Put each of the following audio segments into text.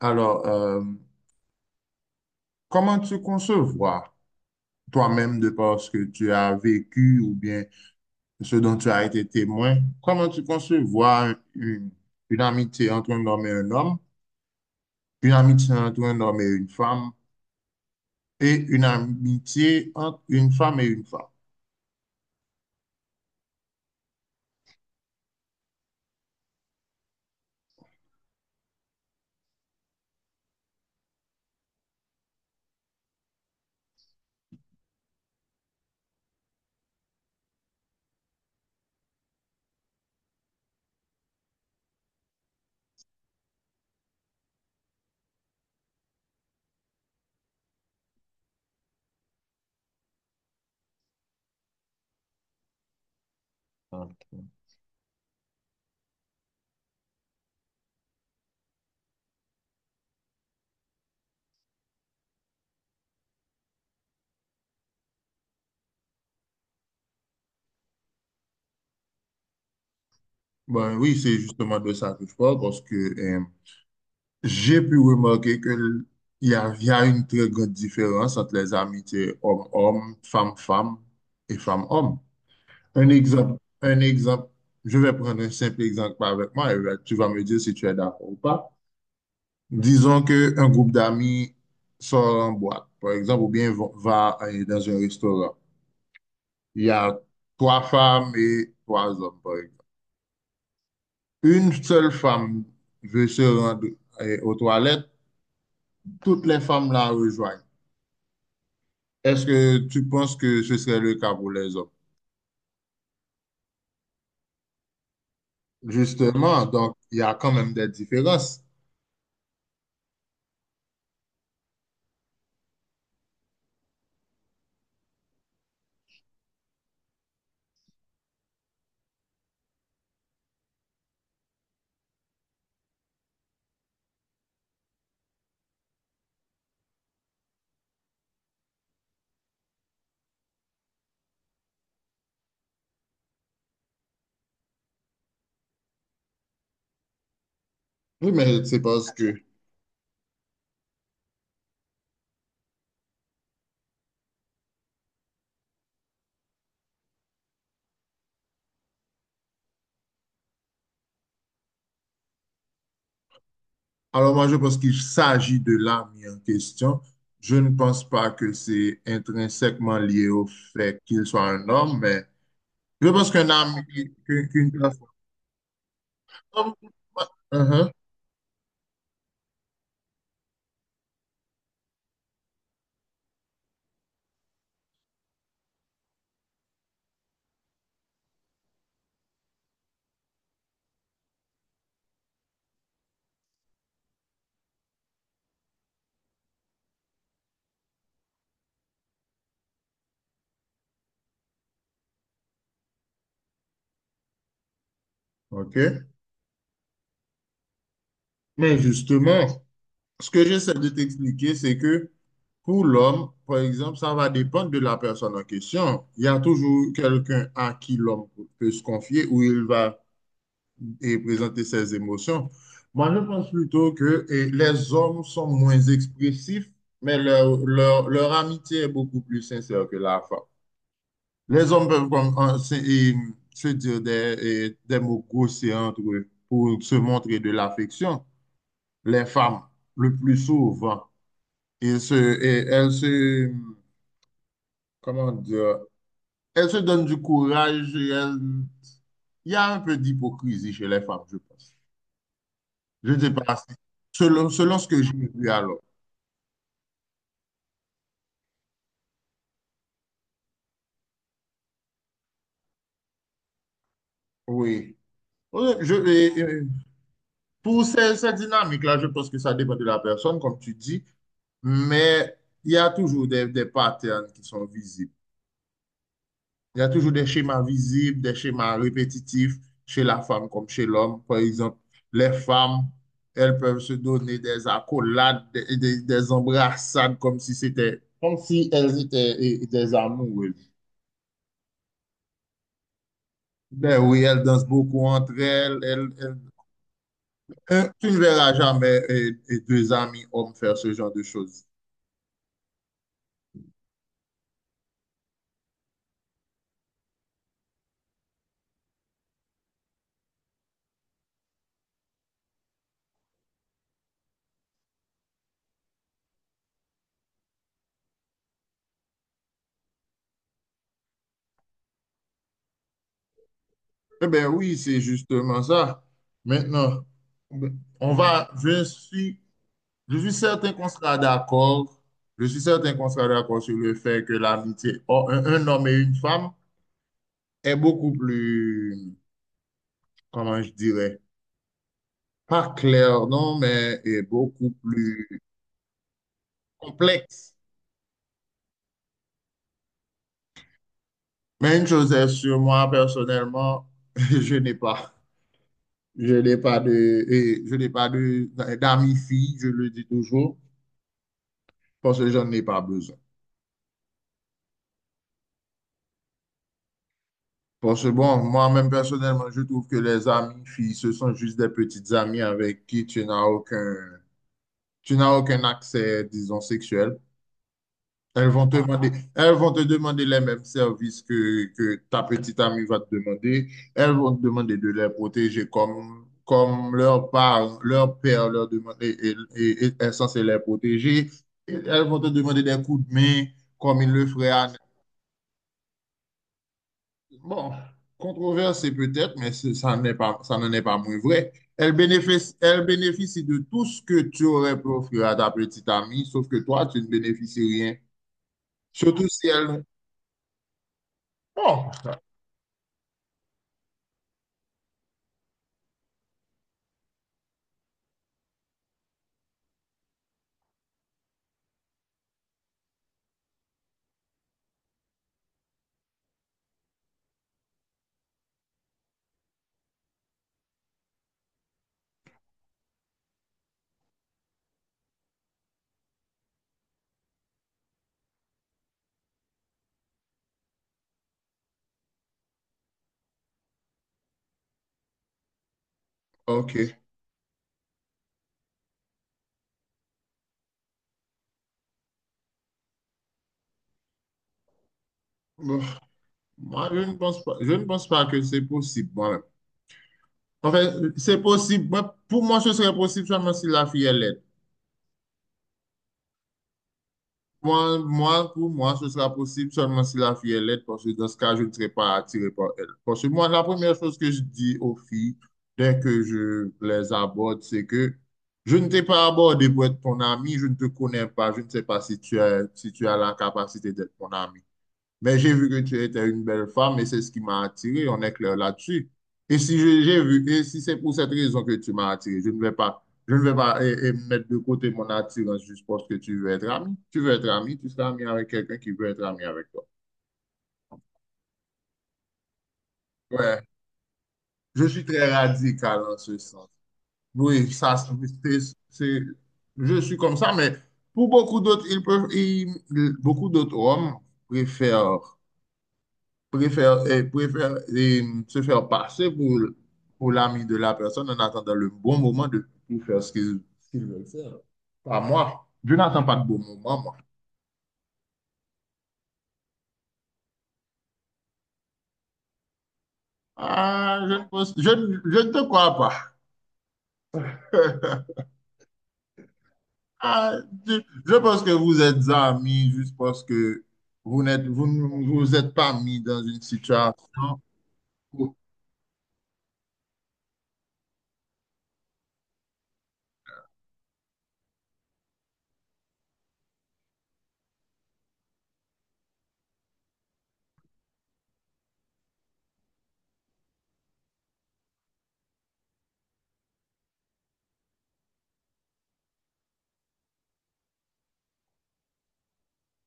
Alors, comment tu concevoir toi-même de par ce que tu as vécu ou bien ce dont tu as été témoin, comment tu concevoir une amitié entre un homme et un homme, une amitié entre un homme et une femme, et une amitié entre une femme et une femme? Ben oui, c'est justement de ça que je parle parce que j'ai pu remarquer que il y a une très grande différence entre les amitiés homme-homme, femme-femme et femme-homme. Un exemple, un exemple. Je vais prendre un simple exemple avec moi et là, tu vas me dire si tu es d'accord ou pas. Disons qu'un groupe d'amis sort en boîte, par exemple, ou bien va dans un restaurant. Il y a trois femmes et trois hommes, par exemple. Une seule femme veut se rendre aux toilettes. Toutes les femmes la rejoignent. Est-ce que tu penses que ce serait le cas pour les hommes? Justement, donc, il y a quand même des différences. Oui, mais c'est parce que… Alors moi, je pense qu'il s'agit de l'âme en question. Je ne pense pas que c'est intrinsèquement lié au fait qu'il soit un homme, mais je pense qu'un âme, qu'une personne. Mhm. OK. Mais justement, ce que j'essaie de t'expliquer, c'est que pour l'homme, par exemple, ça va dépendre de la personne en question. Il y a toujours quelqu'un à qui l'homme peut se confier, où il va et présenter ses émotions. Moi, je pense plutôt que les hommes sont moins expressifs, mais leur amitié est beaucoup plus sincère que la femme. Les hommes peuvent comme, en- se et, se dire des mots grossiers entre eux pour se montrer de l'affection. Les femmes, le plus souvent, et se, et elles se, comment dire, elles se donnent du courage. Il y a un peu d'hypocrisie chez les femmes, je pense. Je ne sais pas. Selon, selon ce que j'ai vu alors. Oui. Oui, Je, et pour cette dynamique-là, je pense que ça dépend de la personne, comme tu dis, mais il y a toujours des patterns qui sont visibles. Il y a toujours des schémas visibles, des schémas répétitifs chez la femme comme chez l'homme. Par exemple, les femmes, elles peuvent se donner des accolades, des embrassades comme si c'était, comme si elles étaient des amoureuses. Ben oui, elles dansent beaucoup entre elles, elles Hein, tu ne verras jamais deux amis hommes faire ce genre de choses. Eh bien oui, c'est justement ça. Maintenant, on va, je suis certain qu'on sera d'accord. Je suis certain qu'on sera d'accord sur le fait que l'amitié, entre un homme et une femme, est beaucoup plus, comment je dirais, pas clair, non, mais est beaucoup plus complexe. Mais une chose est sûre, moi, personnellement, je n'ai pas. Je n'ai pas de, et je n'ai pas de, d'amis filles, je le dis toujours, parce que j'en ai pas besoin. Parce que bon, moi-même personnellement, je trouve que les amis filles, ce sont juste des petites amies avec qui tu n'as aucun accès, disons, sexuel. Elles vont te demander les mêmes services que ta petite amie va te demander. Elles vont te demander de les protéger comme, comme leur parents, leur père leur demande, et est censé les protéger. Et elles vont te demander des coups de main comme ils le feraient à… Bon, controversé peut-être, mais ça n'est pas, ça n'en est pas moins vrai. Elles bénéficient de tout ce que tu aurais pu offrir à ta petite amie, sauf que toi, tu ne bénéficies rien. Surtout si elle… Bon. Ok. Bon, moi, je ne pense pas que c'est possible, moi-même. En fait, c'est possible. Moi, pour moi, ce serait possible seulement si la fille est laide. Pour moi, ce sera possible seulement si la fille est laide, parce que dans ce cas, je ne serai pas attiré par elle. Parce que moi, la première chose que je dis aux filles, dès que je les aborde, c'est que je ne t'ai pas abordé pour être ton ami, je ne te connais pas, je ne sais pas si si tu as la capacité d'être mon ami. Mais j'ai vu que tu étais une belle femme et c'est ce qui m'a attiré. On est clair là-dessus. Et si je- j'ai vu, et si c'est pour cette raison que tu m'as attiré, je ne vais pas mettre de côté mon attirance juste parce que tu veux être ami. Tu veux être ami, tu seras ami avec quelqu'un qui veut être ami avec toi. Ouais, je suis très radical en ce sens. Oui, c'est, c'est- je suis comme ça, mais pour beaucoup d'autres, beaucoup d'autres hommes préfèrent préfère, préfère se faire passer pour l'ami de la personne en attendant le bon moment de, pour faire ce qu'ils veulent faire. Pas moi. Je n'attends pas de bon moment, moi. Ah, je ne, pense- je ne te crois pas. Ah, je, je pense que vous êtes amis juste parce que vous n'êtes vous, ne- vous êtes pas mis dans une situation. où-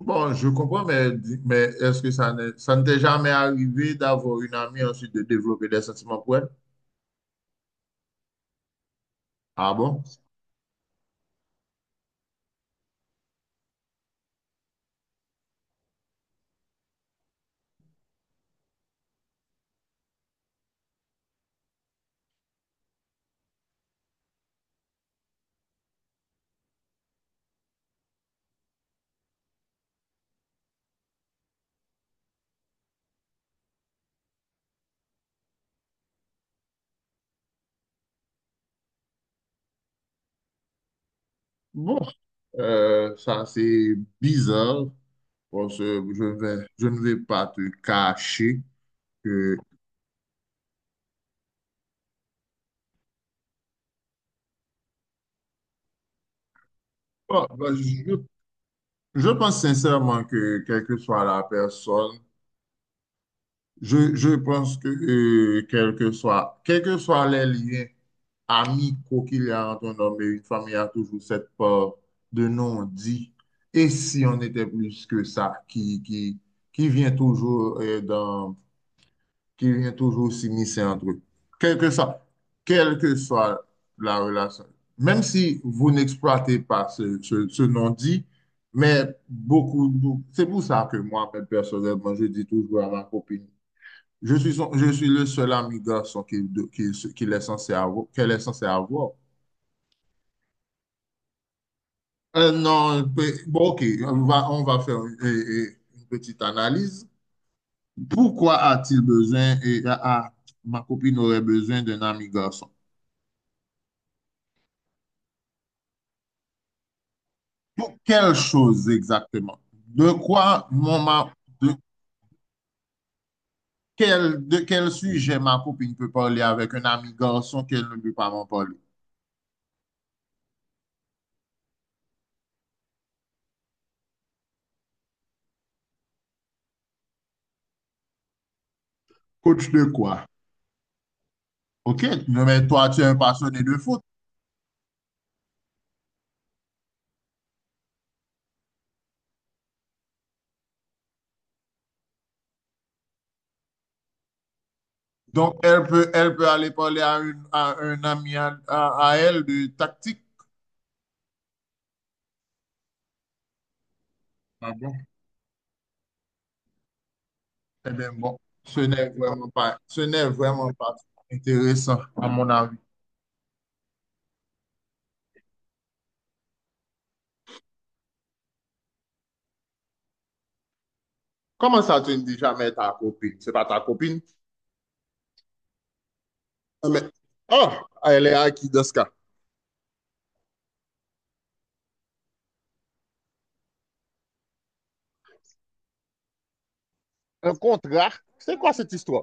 Bon, je comprends, mais est-ce que ça ne t'est jamais arrivé d'avoir une amie ensuite de développer des sentiments pour elle? Ah bon? Bon, ça c'est bizarre parce que je ne vais pas te cacher que… Bon, bah, je pense sincèrement que quelle que soit la personne, je pense que quel que soit, quels que soient les liens amicaux qu'il y a entre un homme et une femme, il y a toujours cette peur de non-dit. Et si on était plus que ça, qui vient toujours dans qu'il y ait toujours s'immiscer entre eux. Quelle que soit, quelle que soit la relation. Même si vous n'exploitez pas ce non-dit, mais c'est pour ça que moi, mais personnellement, je dis toujours à ma copine, je suis le seul ami garçon qu'elle est censée avoir. Non, pe- bon, ok, on va faire une petite analyse. Pourquoi a-t-il besoin et a- a- ma copine aurait besoin d'un ami garçon? Pour quelle chose exactement? De quoi mon de de quel sujet ma copine peut parler avec un ami garçon qu'elle ne peut pas m'en parler? Coach de quoi? OK, non, mais toi, tu es un passionné de foot. Donc, elle peut aller parler à, à un ami à elle de tactique. Ah bon? Eh bien, bon, ce n'est vraiment pas intéressant, à mon avis. Comment ça, tu ne dis jamais ta copine? C'est pas ta copine? Ah, mais, oh, elle est à qui dans ce cas? Un contrat? C'est quoi cette histoire?